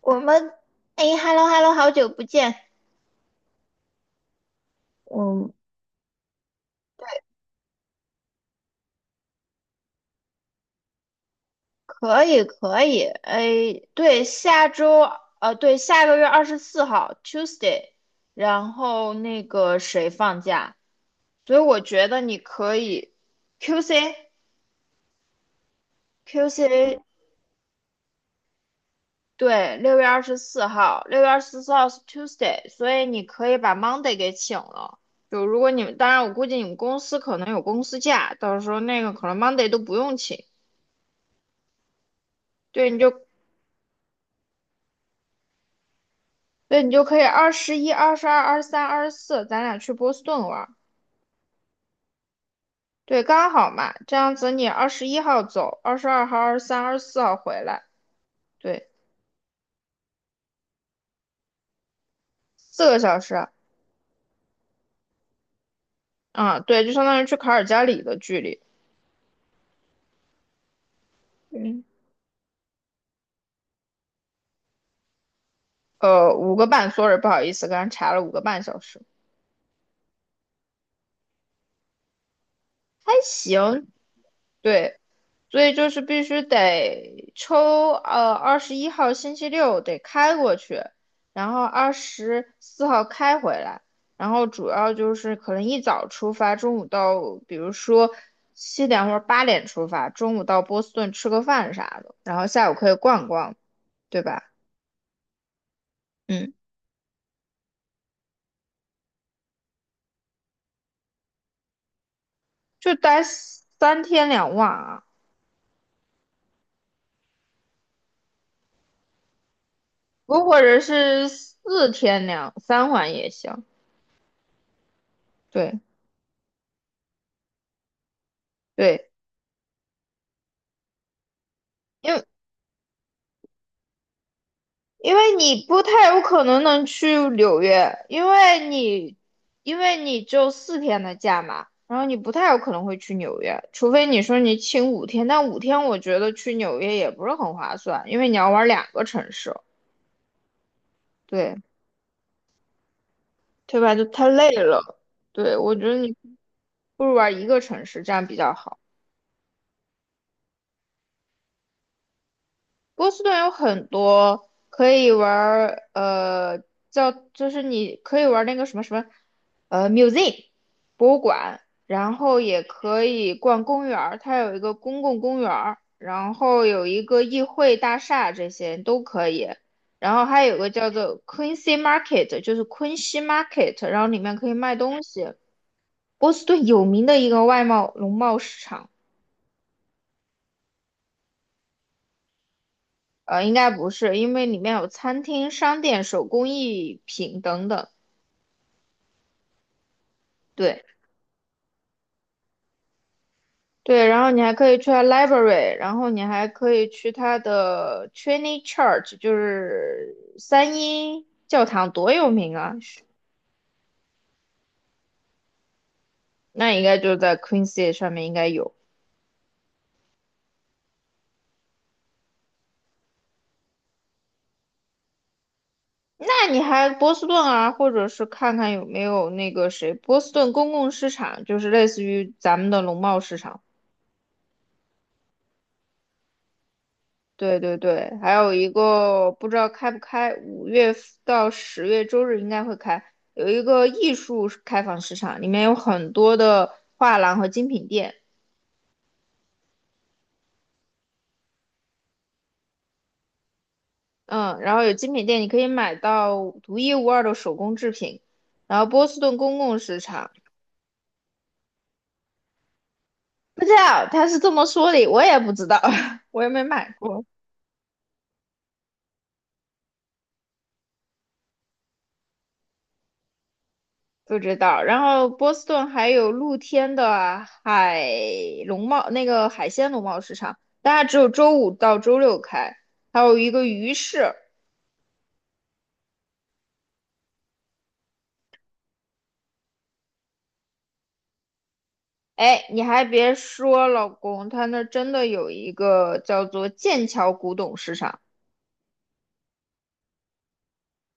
我们哎，hello hello，好久不见。嗯，可以可以。哎，对，对，下个月二十四号 Tuesday，然后那个谁放假，所以我觉得你可以 QC QC，对，六月二十四号，六月二十四号是 Tuesday，所以你可以把 Monday 给请了。就如果你们，当然我估计你们公司可能有公司假，到时候那个可能 Monday 都不用请。对，你就对，你就可以二十一、二十二、二十三、二十四，咱俩去波士顿玩儿。对，刚好嘛，这样子你二十一号走，22号、二十三、二十四号回来，对，4个小时。啊，对，就相当于去卡尔加里的距离。嗯，呃，五个半，sorry，不好意思，刚才查了5个半小时，还行。对，所以就是必须得抽，呃，二十一号星期六得开过去，然后二十四号开回来，然后主要就是可能一早出发，中午到，比如说7点或者8点出发，中午到波士顿吃个饭啥的，然后下午可以逛逛，对吧？嗯，就待三天两晚啊，不或者是4天2、3晚也行，对对。因为因为你不太有可能能去纽约，因为你只有四天的假嘛，然后你不太有可能会去纽约，除非你说你请五天，但五天我觉得去纽约也不是很划算，因为你要玩2个城市，对，对吧？就太累了。对，我觉得你不如玩一个城市，这样比较好。波士顿有很多可以玩儿，呃，叫就是你可以玩儿那个什么什么，museum 博物馆，然后也可以逛公园儿它有一个公共公园儿然后有一个议会大厦，这些都可以。然后还有个叫做 Quincy Market，就是昆西 Market，然后里面可以卖东西。波士顿有名的一个外贸农贸市场。呃，应该不是，因为里面有餐厅、商店、手工艺品等等。对对，然后你还可以去它 library，然后你还可以去他的 Trinity Church，就是三一教堂，多有名啊！那应该就在 Queen City 上面应该有。那你还波士顿啊，或者是看看有没有那个谁，波士顿公共市场，就是类似于咱们的农贸市场。对对对，还有一个不知道开不开，5月到10月周日应该会开，有一个艺术开放市场，里面有很多的画廊和精品店，嗯，然后有精品店你可以买到独一无二的手工制品，然后波士顿公共市场，不知道他是这么说的，我也不知道，我也没买过。不知道。然后波士顿还有露天的海农贸，那个海鲜农贸市场，但它只有周五到周六开，还有一个鱼市。哎，你还别说，老公，他那儿真的有一个叫做剑桥古董市场，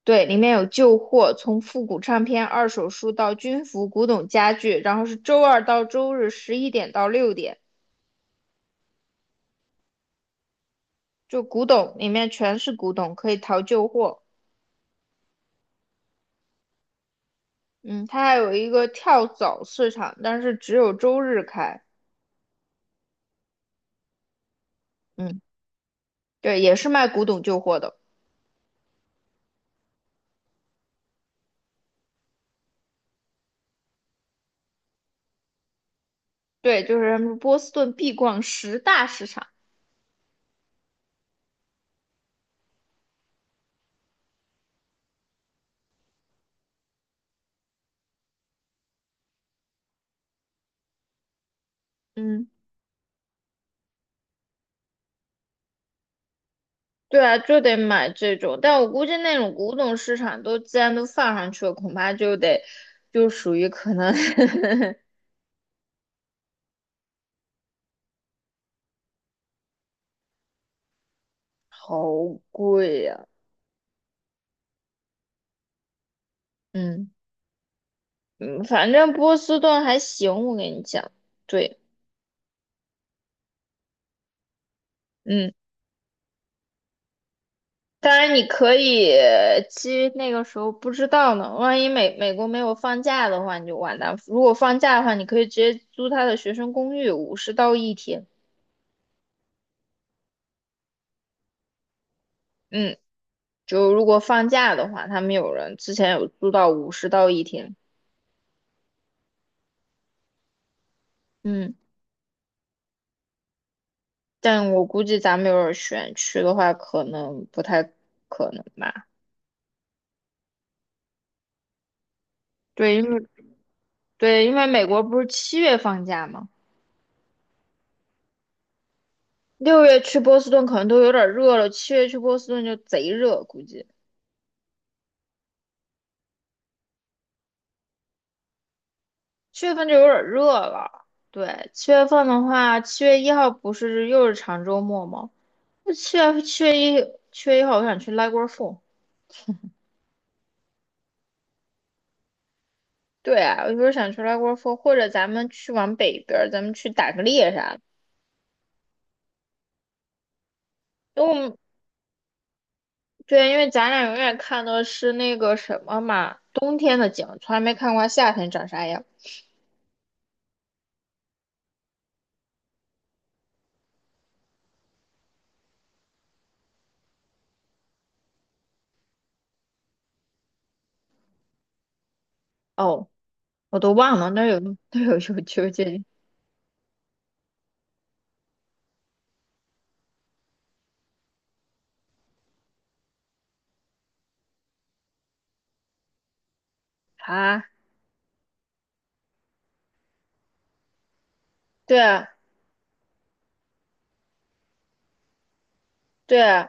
对，里面有旧货，从复古唱片、二手书到军服、古董家具，然后是周二到周日11点到6点，就古董里面全是古董，可以淘旧货。嗯，它还有一个跳蚤市场，但是只有周日开。嗯，对，也是卖古董旧货的。对，就是他们说波士顿必逛十大市场。嗯，对啊，就得买这种。但我估计那种古董市场都既然都放上去了，恐怕就得就属于可能 好贵呀、嗯嗯，反正波士顿还行，我跟你讲。对，嗯。当然，你可以其实那个时候不知道呢，万一美国没有放假的话，你就完蛋。如果放假的话，你可以直接租他的学生公寓，五十到一天。嗯，就如果放假的话，他们有人之前有租到五十到一天。嗯，但我估计咱们有点选区的话，可能不太可能吧。对，对，因为美国不是七月放假吗？六月去波士顿可能都有点热了，七月去波士顿就贼热，估计。七月份就有点热了。对，七月份的话，七月一号不是又是长周末吗？那七月一号，我想去拉锅凤。对啊，我就是想去拉锅凤，或者咱们去往北边儿，咱们去打个猎啥的。因为我们对，因为咱俩永远看的是那个什么嘛，冬天的景，从来没看过夏天长啥样。哦，我都忘了，那儿有 有秋这啊？对啊对啊，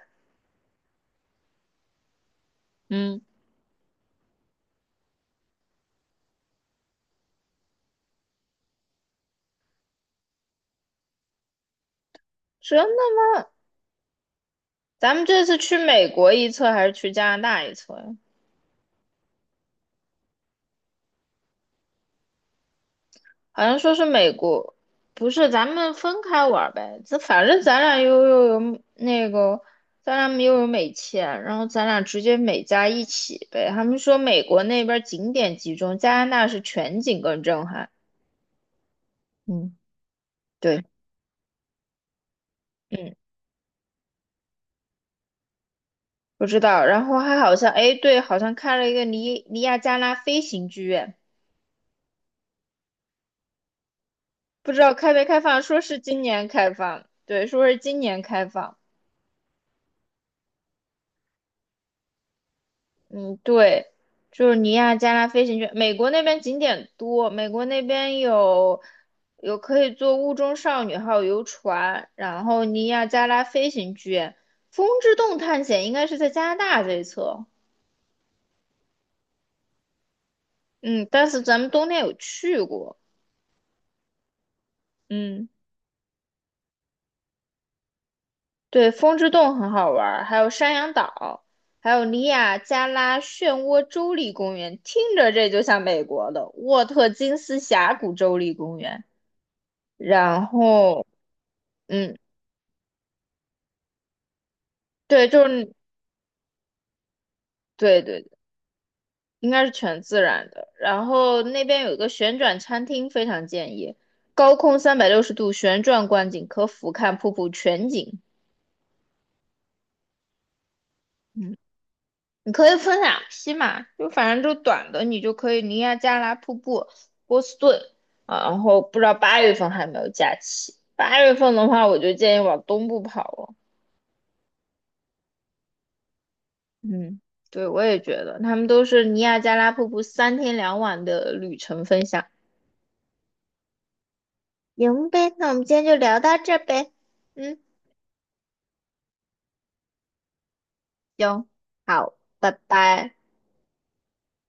嗯，真的咱们这次去美国一侧还是去加拿大一侧呀？好像说是美国，不是，咱们分开玩儿呗。这反正咱俩又有那个，咱俩又有美签，然后咱俩直接美加一起呗。他们说美国那边儿景点集中，加拿大是全景更震撼。嗯，对，嗯，不知道。然后还好像，哎，对，好像开了一个尼亚加拉飞行剧院，不知道开没开放，说是今年开放，对，说是今年开放。嗯，对，就是尼亚加拉飞行圈，美国那边景点多，美国那边有可以坐雾中少女号游船，然后尼亚加拉飞行圈，风之洞探险应该是在加拿大这一侧，嗯，但是咱们冬天有去过，嗯，对，风之洞很好玩儿，还有山羊岛，还有尼亚加拉漩涡州立公园，听着这就像美国的沃特金斯峡谷州立公园，然后。嗯，对，就是对对对，应该是全自然的。然后那边有一个旋转餐厅，非常建议，高空360度旋转观景，可俯瞰瀑布全景。嗯，你可以分两批嘛，就反正就短的，你就可以尼亚加拉瀑布、波士顿啊。然后不知道八月份还有没有假期，八月份的话，我就建议往东部跑了。嗯，对，我也觉得他们都是尼亚加拉瀑布三天两晚的旅程分享。行呗，那我们今天就聊到这儿呗。嗯，行，好，拜拜。